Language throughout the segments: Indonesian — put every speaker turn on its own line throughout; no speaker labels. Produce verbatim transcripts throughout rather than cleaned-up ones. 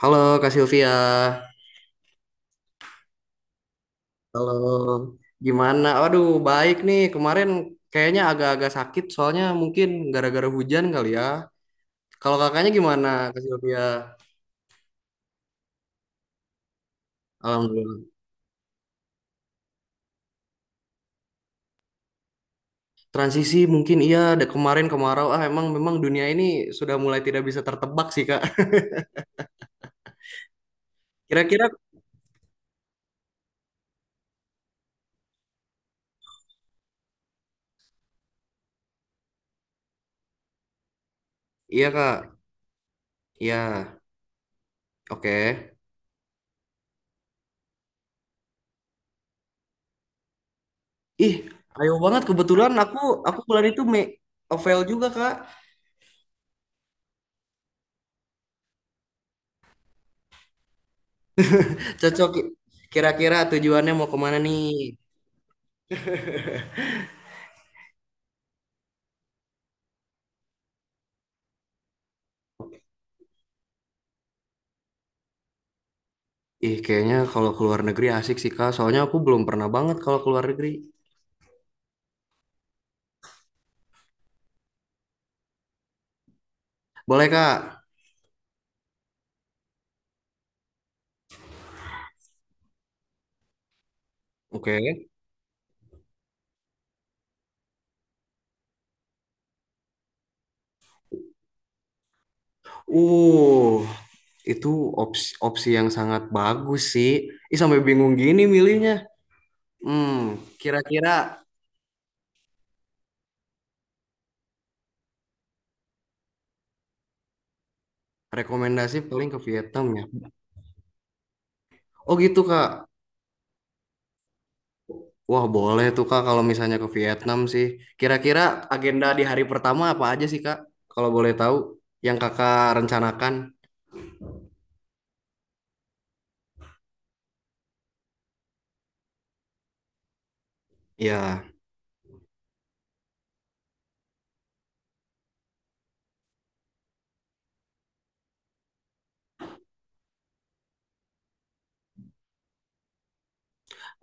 Halo Kak Sylvia. Halo. Gimana? Waduh baik nih. Kemarin kayaknya agak-agak sakit soalnya mungkin gara-gara hujan kali ya. Kalau kakaknya gimana Kak Sylvia? Alhamdulillah. Transisi mungkin iya ada kemarin kemarau. Ah, emang memang dunia ini sudah mulai tidak bisa tertebak sih, Kak. Kira-kira iya, Kak. Iya. Oke. Ih, ayo banget kebetulan aku aku bulan itu me Ovel juga, Kak. Cocok kira-kira tujuannya mau kemana nih? Ih, kayaknya kalau ke luar negeri asik sih, Kak. Soalnya aku belum pernah banget kalau ke luar negeri. Boleh, Kak? Oke. Uh, itu opsi, opsi yang sangat bagus sih. Ih, sampai bingung gini milihnya. Hmm, Kira-kira rekomendasi paling ke Vietnam ya. Oh gitu, Kak. Wah, boleh tuh, Kak, kalau misalnya ke Vietnam sih. Kira-kira agenda di hari pertama apa aja sih, Kak? Kalau boleh tahu, yang Kakak rencanakan. Ya.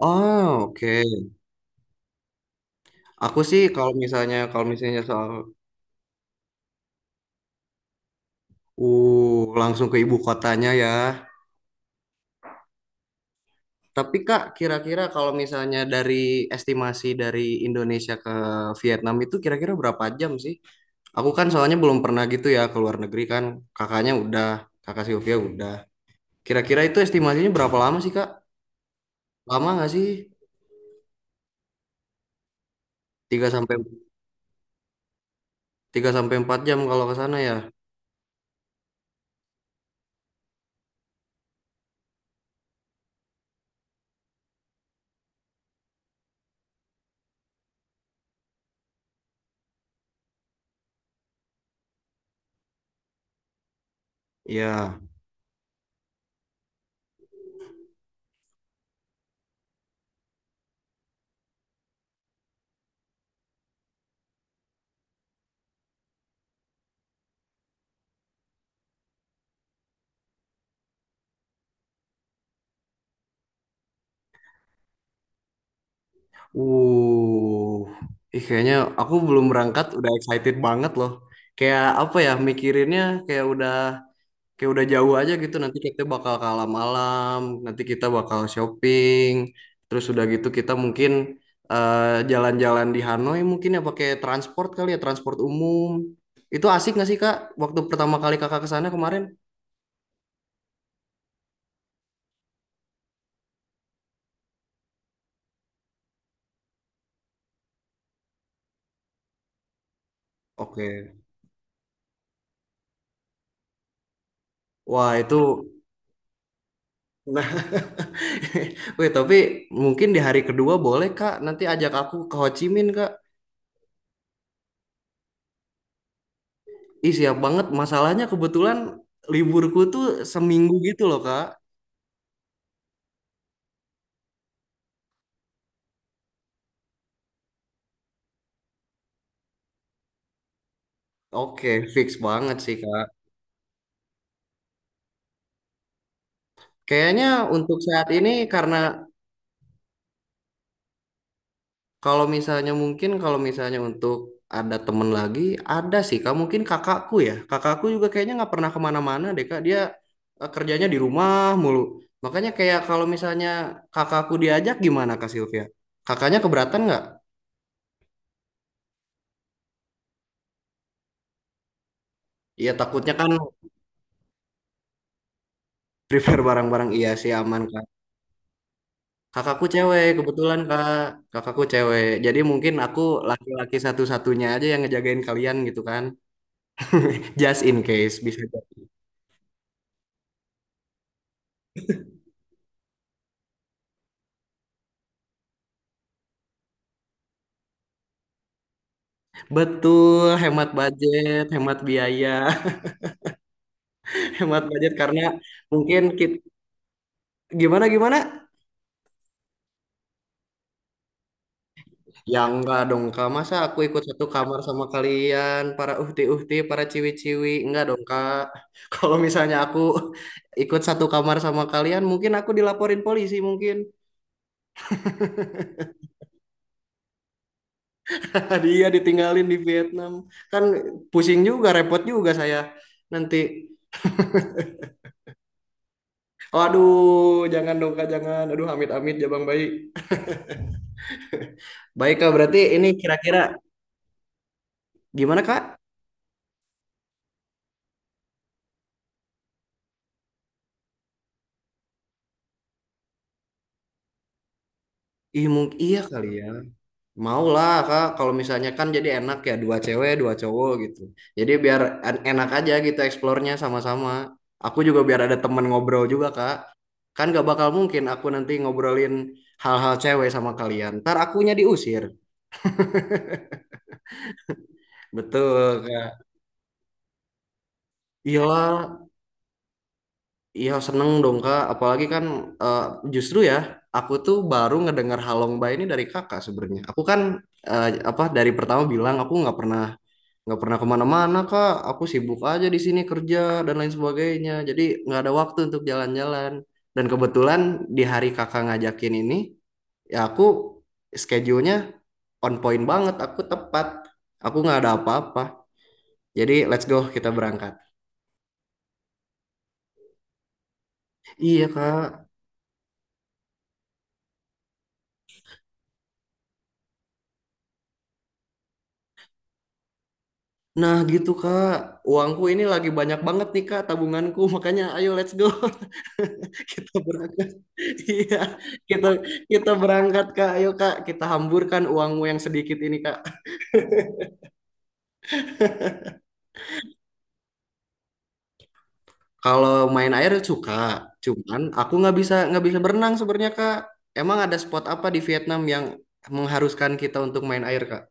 Oh, oke. Aku sih kalau misalnya kalau misalnya soal uh langsung ke ibu kotanya ya. Tapi Kak, kira-kira kalau misalnya dari estimasi dari Indonesia ke Vietnam itu kira-kira berapa jam sih? Aku kan soalnya belum pernah gitu ya ke luar negeri kan. Kakaknya udah, Kakak Sylvia udah. Kira-kira itu estimasinya berapa lama sih Kak? Lama nggak sih? Tiga sampai tiga sampai empat jam kalau ke sana ya. Iya. Uh, Ih kayaknya aku belum berangkat udah excited banget loh. Kayak apa ya mikirinnya kayak udah kayak udah jauh aja gitu. Nanti kita bakal ke alam, nanti kita bakal shopping, terus udah gitu kita mungkin eh, jalan-jalan di Hanoi mungkin ya pakai transport kali ya, transport umum. Itu asik nggak sih Kak? Waktu pertama kali Kakak ke sana kemarin? Oke. Wah itu. Nah, wih, tapi mungkin di hari kedua boleh Kak. Nanti ajak aku ke Ho Chi Minh Kak. Ih, siap banget. Masalahnya kebetulan liburku tuh seminggu gitu loh, Kak. Oke, fix banget sih, Kak. Kayaknya untuk saat ini, karena kalau misalnya mungkin, kalau misalnya untuk ada temen lagi, ada sih, Kak. Mungkin kakakku ya. Kakakku juga kayaknya nggak pernah kemana-mana deh, Kak. Dia eh, kerjanya di rumah mulu. Makanya kayak kalau misalnya kakakku diajak gimana, Kak Sylvia? Kakaknya keberatan nggak? Iya, takutnya kan prepare barang-barang, iya sih aman, Kak. Kakakku cewek kebetulan Kak, kakakku cewek. Jadi mungkin aku laki-laki satu-satunya aja yang ngejagain kalian gitu kan. Just in case bisa jadi. Betul, hemat budget, hemat biaya, hemat budget karena mungkin kita, gimana gimana? Ya, enggak dong Kak, masa aku ikut satu kamar sama kalian, para uhti-uhti, para ciwi-ciwi, enggak dong Kak. Kalau misalnya aku ikut satu kamar sama kalian, mungkin aku dilaporin polisi mungkin. Ah, dia ditinggalin di Vietnam. Kan pusing juga, repot juga saya nanti. Waduh, jangan dong Kak, jangan. Aduh, amit-amit Jabang Bayi. Baik Kak, berarti ini kira-kira gimana Kak? Ih, mung- iya kali ya. Mau lah Kak, kalau misalnya kan jadi enak ya, dua cewek, dua cowok gitu. Jadi biar en- enak aja gitu eksplornya sama-sama. Aku juga biar ada temen ngobrol juga Kak. Kan gak bakal mungkin aku nanti ngobrolin hal-hal cewek sama kalian. Ntar akunya diusir. Betul, Kak. Iyalah, iya seneng dong, Kak. Apalagi kan eh, justru ya, aku tuh baru ngedengar Halongba ini dari Kakak sebenarnya. Aku kan eh, apa, dari pertama bilang aku nggak pernah nggak pernah kemana-mana, Kak. Aku sibuk aja di sini kerja dan lain sebagainya. Jadi nggak ada waktu untuk jalan-jalan. Dan kebetulan di hari Kakak ngajakin ini, ya aku schedule-nya on point banget. Aku tepat. Aku nggak ada apa-apa. Jadi let's go, kita berangkat. Iya Kak, nah gitu Kak, uangku ini lagi banyak banget nih Kak, tabunganku, makanya ayo let's go. Kita berangkat. Iya, kita kita berangkat Kak. Ayo Kak, kita hamburkan uangmu yang sedikit ini Kak. Kalau main air suka, cuman aku nggak bisa nggak bisa berenang sebenarnya Kak. Emang ada spot apa di Vietnam yang mengharuskan kita untuk main air Kak?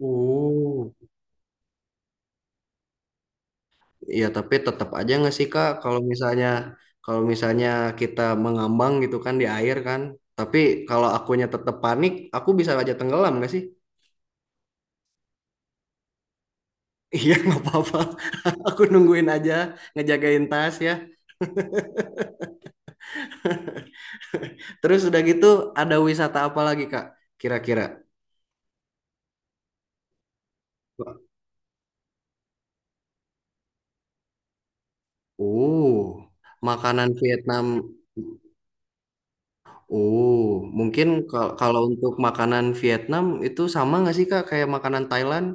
Oh. Iya, tapi tetap aja nggak sih Kak, kalau misalnya kalau misalnya kita mengambang gitu kan di air kan, tapi kalau akunya tetap panik, aku bisa aja tenggelam nggak sih? Iya, nggak apa-apa. Aku nungguin aja, ngejagain tas ya. Terus udah gitu, ada wisata apa lagi Kak? Kira-kira? Oh, makanan Vietnam. Oh, mungkin kal- kalau untuk makanan Vietnam itu sama nggak sih Kak kayak makanan Thailand?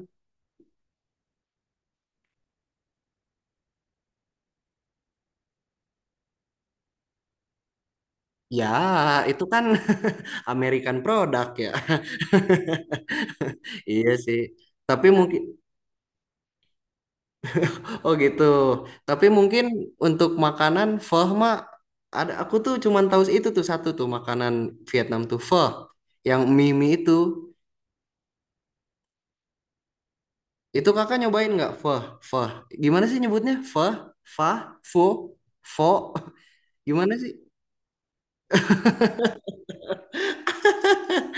Ya, itu kan American product ya. Iya sih. Tapi mungkin oh gitu. Tapi mungkin untuk makanan pho mah ada, aku tuh cuman tahu itu tuh satu tuh makanan Vietnam tuh pho, yang mie mie itu. Itu kakak nyobain nggak pho pho? Gimana sih nyebutnya, pho, fa, fo, fo? Gimana sih?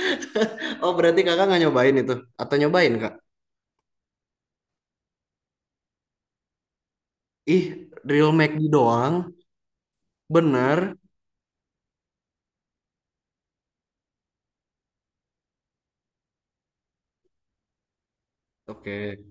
Oh, berarti kakak nggak nyobain itu atau nyobain Kak? Ih, real McD doang, bener. Oke.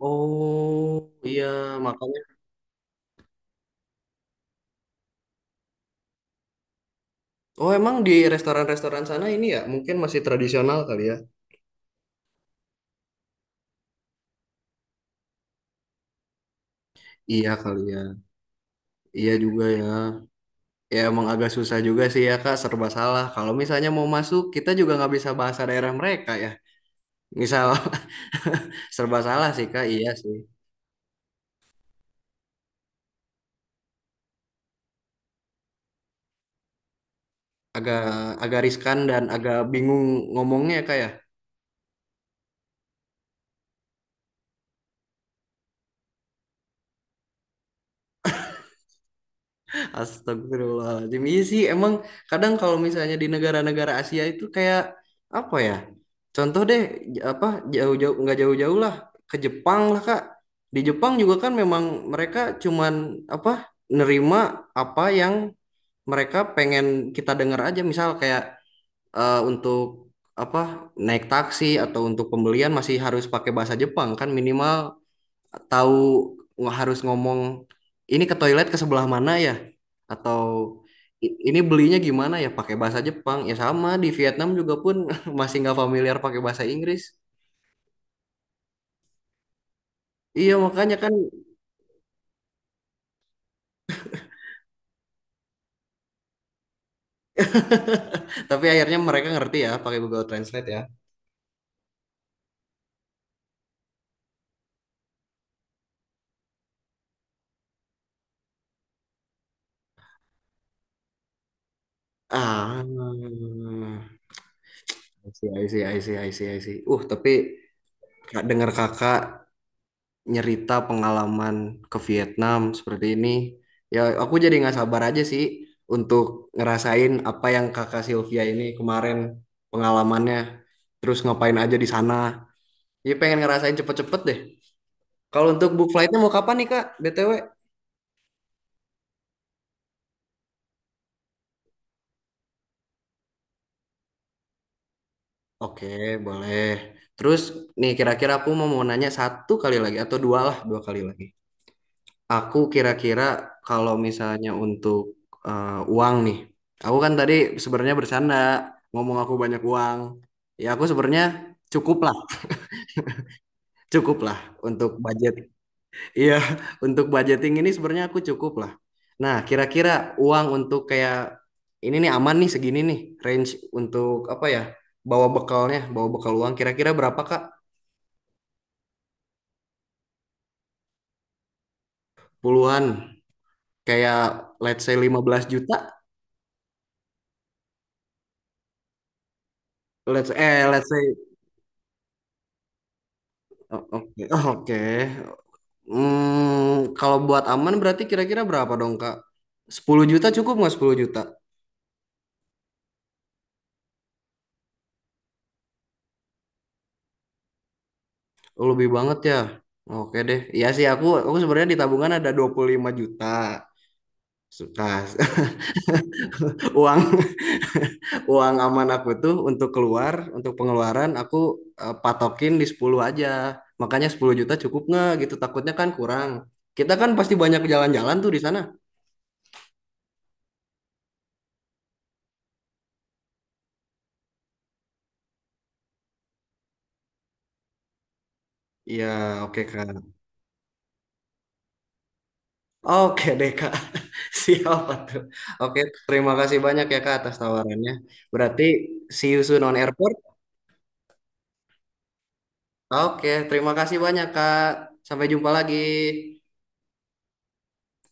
Oh iya, makanya. Oh, emang di restoran-restoran sana ini ya mungkin masih tradisional kali ya? Iya kali ya. Iya juga ya. Ya, emang agak susah juga sih ya Kak, serba salah. Kalau misalnya mau masuk, kita juga nggak bisa bahasa daerah mereka ya. Misal serba salah sih Kak, iya sih. Agak agak riskan dan agak bingung ngomongnya Kak ya. Astagfirullahaladzim. Iya sih, emang kadang kalau misalnya di negara-negara Asia itu kayak apa ya? Contoh deh, j- apa, jauh-jauh nggak jauh-jauh lah, ke Jepang lah Kak. Di Jepang juga kan memang mereka cuman apa, nerima apa yang mereka pengen kita dengar aja. Misal kayak eh, untuk apa naik taksi atau untuk pembelian masih harus pakai bahasa Jepang kan, minimal tahu, nggak harus ngomong ini ke toilet ke sebelah mana ya, atau "I- ini belinya gimana ya, pakai bahasa Jepang ya, sama di Vietnam juga pun masih nggak familiar pakai bahasa Inggris, iya makanya kan, tapi akhirnya mereka ngerti ya pakai Google Translate ya, ah, I see, I see, I see, I see, I see. uh tapi Kak, dengar kakak nyerita pengalaman ke Vietnam seperti ini. Ya, aku jadi nggak sabar aja sih untuk ngerasain apa yang Kakak Sylvia ini kemarin pengalamannya. Terus ngapain aja di sana. Jadi pengen ngerasain cepet-cepet deh. Kalau untuk book flightnya mau kapan nih Kak? B T W. Oke, boleh. Terus nih kira-kira aku mau mau nanya satu kali lagi atau dua lah, dua kali lagi. Aku kira-kira kalau misalnya untuk eh, uang nih, aku kan tadi sebenarnya bercanda ngomong aku banyak uang. Ya, aku sebenarnya cukup lah, cukup lah untuk budget. Iya, untuk budgeting ini sebenarnya aku cukup lah. Nah, kira-kira uang untuk kayak ini nih aman nih, segini nih range, untuk apa ya? Bawa bekalnya, bawa bekal uang kira-kira berapa Kak? Puluhan, kayak let's say lima belas juta. Let's eh let's say Oh, oke, oh, oke, Hmm, kalau buat aman berarti kira-kira berapa dong, Kak? Sepuluh juta cukup nggak, sepuluh juta? Oh, lebih banget ya. Oke deh. Iya sih, aku aku sebenarnya di tabungan ada dua puluh lima juta. Nah, uang, uang aman aku tuh untuk keluar, untuk pengeluaran aku eh, patokin di sepuluh aja. Makanya sepuluh juta cukup nggak gitu, takutnya kan kurang. Kita kan pasti banyak jalan-jalan tuh di sana. Iya, oke Kak. Oke deh Kak. Siapa tuh? Oke, terima kasih banyak ya Kak atas tawarannya. Berarti see you soon on airport. Oke, terima kasih banyak Kak. Sampai jumpa lagi.